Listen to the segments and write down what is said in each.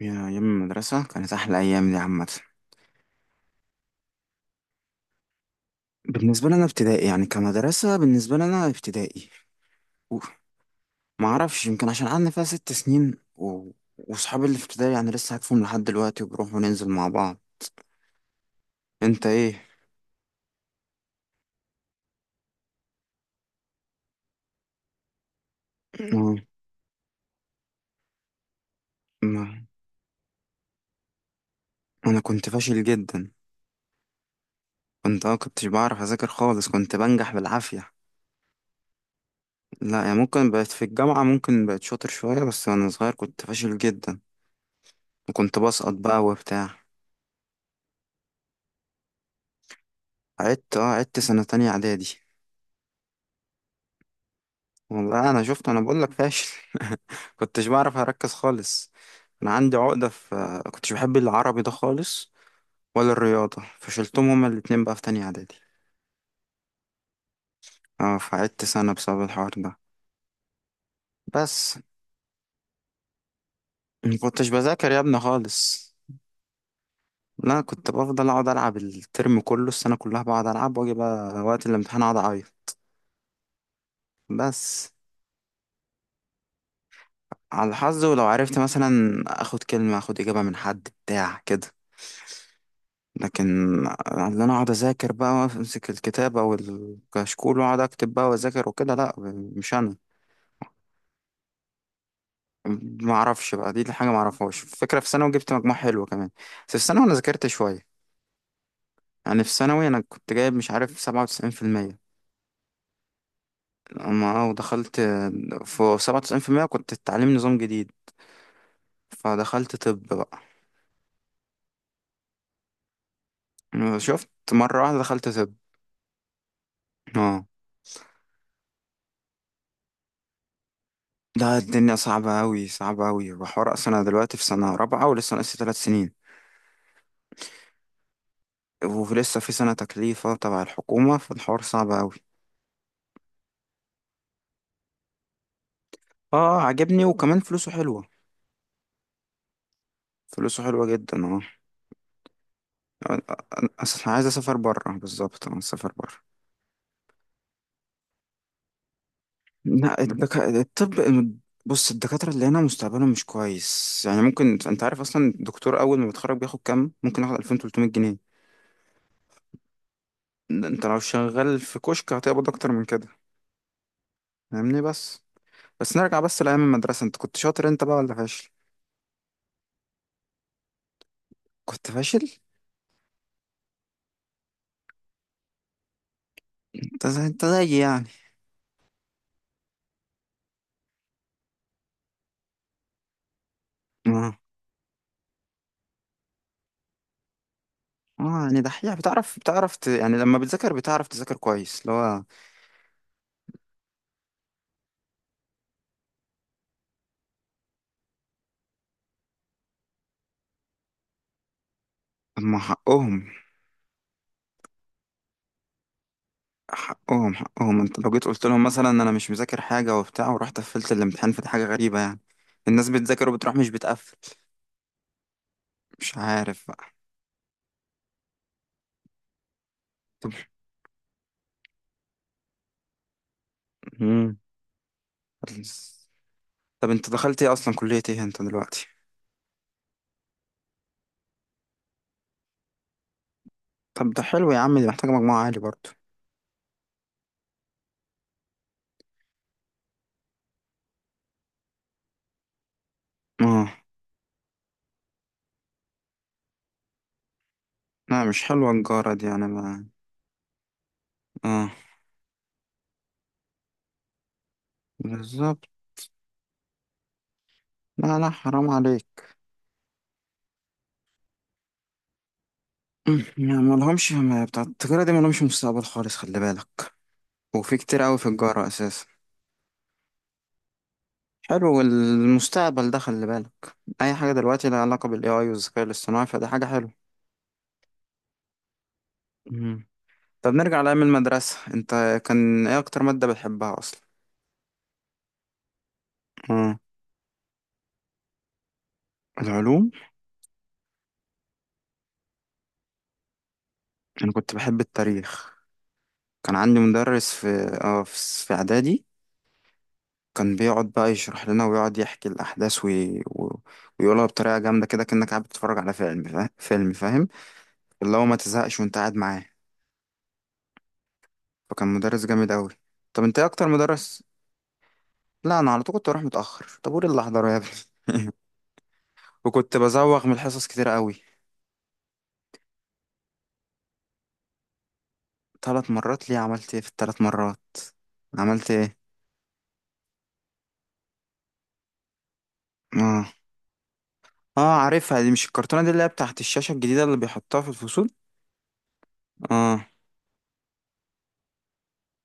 يا أيام المدرسة كانت أحلى أيام دي عامة. بالنسبة لنا ابتدائي يعني كمدرسة بالنسبة لنا ابتدائي. ما أعرفش يمكن عشان قعدنا فيها 6 سنين وصحابي اللي في ابتدائي يعني لسه عارفهم لحد دلوقتي وبنروح وننزل مع بعض. أنت إيه؟ آه. ما... أنا كنت فاشل جدا. كنتش بعرف أذاكر خالص، كنت بنجح بالعافية. لا يعني ممكن بقت في الجامعة ممكن بقت شاطر شوية، بس وأنا صغير كنت فاشل جدا وكنت بسقط بقى وبتاع. عدت سنة تانية إعدادي. والله انا شفت انا بقول لك فاشل. كنتش بعرف اركز خالص. انا عندي عقدة في كنتش بحب العربي ده خالص ولا الرياضة، فشلتهم هما الاتنين بقى في تانية اعدادي. اه فقعدت سنة بسبب الحوار ده. بس ما كنتش بذاكر يا ابني خالص. لا كنت بفضل اقعد العب الترم كله السنة كلها بقعد العب واجي بقى وقت الامتحان اقعد اعيط بس. على الحظ ولو عرفت مثلا اخد كلمة اخد اجابة من حد بتاع كده. لكن اللي انا اقعد اذاكر بقى وامسك الكتاب او الكشكول واقعد اكتب بقى واذاكر وكده لا، مش انا. ما اعرفش بقى دي حاجه ما اعرفهاش فكره، في ثانوي جبت مجموع حلو كمان. بس في ثانوي انا ذاكرت شويه، يعني في ثانوي انا كنت جايب مش عارف 97%. اما ودخلت في 97%، كنت التعليم نظام جديد، فدخلت طب بقى. شفت مره واحده دخلت طب. اه، ده الدنيا صعبة أوي صعبة أوي وحوار، أصلا أنا دلوقتي في سنة رابعة ولسه ناقصي 3 سنين، ولسه في سنة تكليفة تبع الحكومة فالحوار صعب أوي. اه عجبني وكمان فلوسه حلوة، فلوسه حلوة جدا اه. أنا أصلا عايز أسافر برا، بالظبط أنا أسافر برا. لا الطب. بص، الدكاترة اللي هنا مستقبلهم مش كويس، يعني ممكن أنت عارف أصلا الدكتور أول ما بيتخرج بياخد كام؟ ممكن ياخد 2300 جنيه. ده أنت لو شغال في كشك هتقبض أكتر من كده. فاهمني. بس نرجع بس لأيام المدرسة، أنت كنت شاطر أنت بقى ولا فاشل؟ كنت فاشل؟ أنت زيي يعني. آه. اه يعني دحيح، بتعرف يعني لما بتذاكر بتعرف تذاكر كويس اللي هو. اما حقهم، حقهم حقهم انت لو جيت قلت لهم مثلا انا مش مذاكر حاجة وبتاع ورحت قفلت الامتحان، فدي حاجة غريبة يعني. الناس بتذاكر وبتروح مش بتقفل. مش عارف بقى. طب. مم. طب انت دخلت ايه اصلا كلية ايه انت دلوقتي؟ طب ده حلو يا عم، دي محتاجة مجموعة عالي برضه. اه لا مش حلوة الجارة دي يعني ما. اه بالظبط. لا لا حرام عليك. ما لهمش، ما بتاع التجارة دي ما لهمش مستقبل خالص خلي بالك. وفي كتير أوي في الجارة أساسا. حلو، والمستقبل ده خلي بالك، أي حاجة دلوقتي لها علاقة بال AI والذكاء الاصطناعي فده حاجة حلوة. مم. طب نرجع لأيام المدرسة، أنت كان إيه أكتر مادة بتحبها أصلا؟ آه. العلوم. أنا كنت بحب التاريخ، كان عندي مدرس في آه في في إعدادي. كان بيقعد بقى يشرح لنا ويقعد يحكي الأحداث ويقولها بطريقة جامدة كده، كأنك قاعد بتتفرج على فيلم فاهم. اللي هو ما تزهقش وأنت قاعد معاه، فكان مدرس جامد أوي. طب أنت إيه أكتر مدرس؟ لا انا على طول كنت اروح متاخر، طابور اللي احضره يا ابني. وكنت بزوغ من الحصص كتير قوي. ثلاث مرات ليه؟ عملت ايه في الثلاث مرات؟ عملت ايه؟ اه. اه عارفها دي، مش الكرتونه دي اللي هي بتاعت الشاشه الجديده اللي بيحطوها في الفصول؟ اه.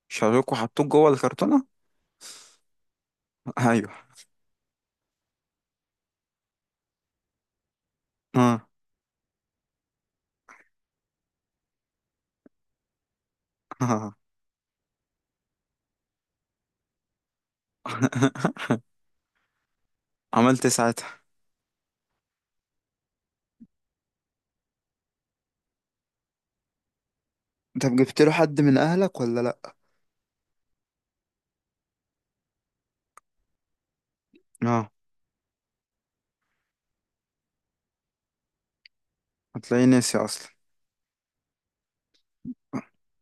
شالوك وحطوك جوه الكرتونه؟ ايوه. اه. اه. عملت إيه ساعتها؟ طب جبت له حد من اهلك ولا لا؟ اه. هتلاقيه ناسي اصلا.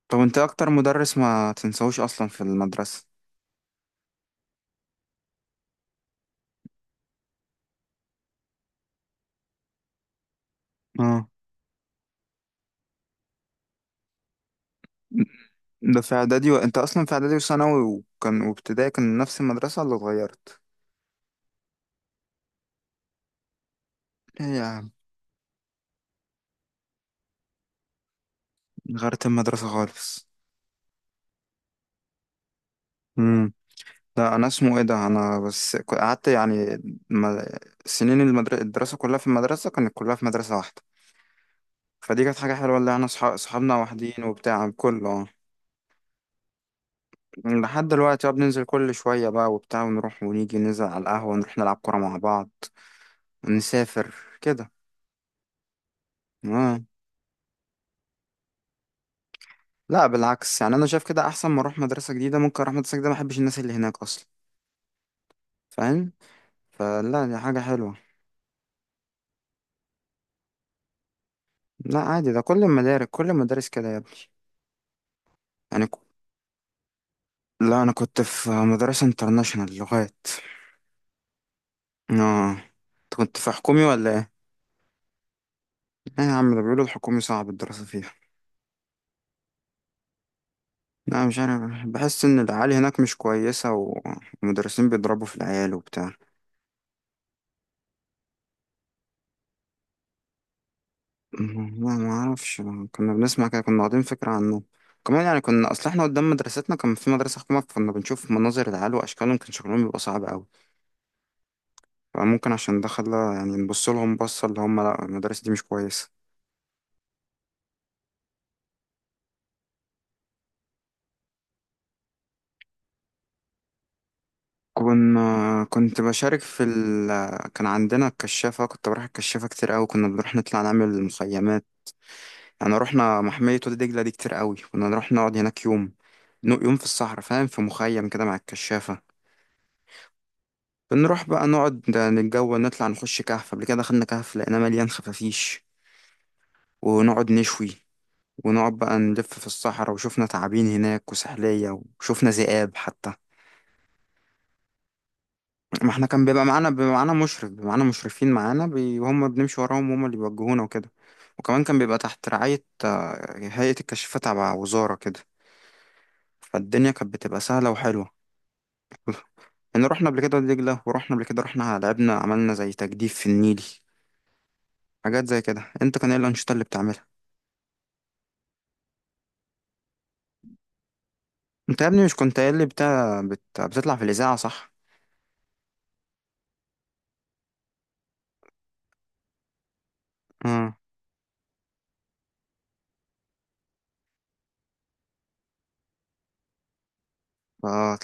طب انت اكتر مدرس ما تنساهوش اصلا في المدرسه؟ اه. ده في اعدادي انت اصلا في اعدادي وثانوي، وابتدائي كان نفس المدرسة ولا اتغيرت؟ ايه يا عم، غيرت المدرسة خالص. امم. لا انا اسمه ايه ده، انا بس قعدت يعني ما... سنين الدراسة كلها في المدرسة كانت كلها في مدرسة واحدة. فدي كانت حاجة حلوة، اللي احنا صحابنا واحدين وبتاع كله اه. لحد دلوقتي بقى بننزل كل شوية بقى وبتاع ونروح ونيجي ننزل على القهوة، نروح نلعب كورة مع بعض ونسافر كده. اه لا بالعكس، يعني انا شايف كده احسن، ما اروح مدرسه جديده ممكن اروح مدرسه جديده ما احبش الناس اللي هناك اصلا، فاهم؟ فلا دي حاجه حلوه. لا عادي، ده كل المدارس كل المدارس كده يا ابني. يعني لا انا كنت في مدرسه انترناشونال لغات. اه، انت كنت في حكومي ولا ايه؟ ايه يا عم، ده بيقولوا الحكومي صعب الدراسه فيها. لا مش عارف، بحس ان العيال هناك مش كويسه والمدرسين بيضربوا في العيال وبتاع. لا ما اعرفش، ما كنا بنسمع كده، كنا واخدين فكرة عنه. كمان يعني كنا، اصل احنا قدام مدرستنا كان في مدرسة حكومة، كنا بنشوف مناظر العيال واشكالهم كان شكلهم بيبقى صعب قوي. فممكن عشان ده خلى يعني نبص لهم بصة اللي هم لا المدرسة دي مش كويسة. كنت بشارك كان عندنا الكشافة، كنت بروح الكشافة كتير قوي، كنا بنروح نطلع نعمل مخيمات. يعني رحنا محمية وادي دجلة دي كتير قوي، كنا نروح نقعد هناك يوم، يوم في الصحراء فاهم، في مخيم كده مع الكشافة. بنروح بقى نقعد نتجول، نطلع نخش كهف، قبل كده دخلنا كهف لقيناه مليان خفافيش ونقعد نشوي، ونقعد بقى نلف في الصحراء وشوفنا تعابين هناك وسحلية وشوفنا ذئاب حتى. ما احنا كان بيبقى معانا مشرفين وهم بنمشي وراهم وهم اللي بيوجهونا وكده. وكمان كان بيبقى تحت رعاية هيئة الكشافات تبع وزارة كده. فالدنيا كانت بتبقى سهلة وحلوة. يعني رحنا قبل كده دجلة، ورحنا قبل كده لعبنا عملنا زي تجديف في النيل، حاجات زي كده. انت كان ايه الأنشطة اللي بتعملها؟ انت يا ابني مش كنت قايل لي بتاع بتطلع في الإذاعة صح؟ اه. اه.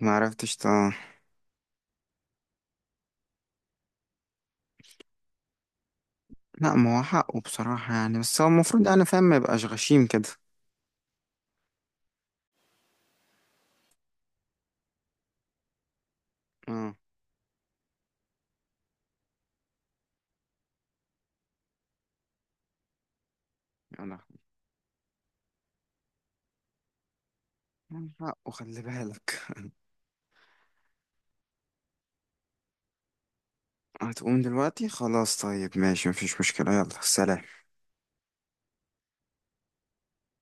ما عرفتش. لا ما هو حقه بصراحة يعني، بس هو المفروض يعني فاهم ما يبقاش غشيم كده. اه. يلا، حقه خلي بالك. هتقوم دلوقتي خلاص؟ طيب ماشي مفيش مشكلة يلا سلام.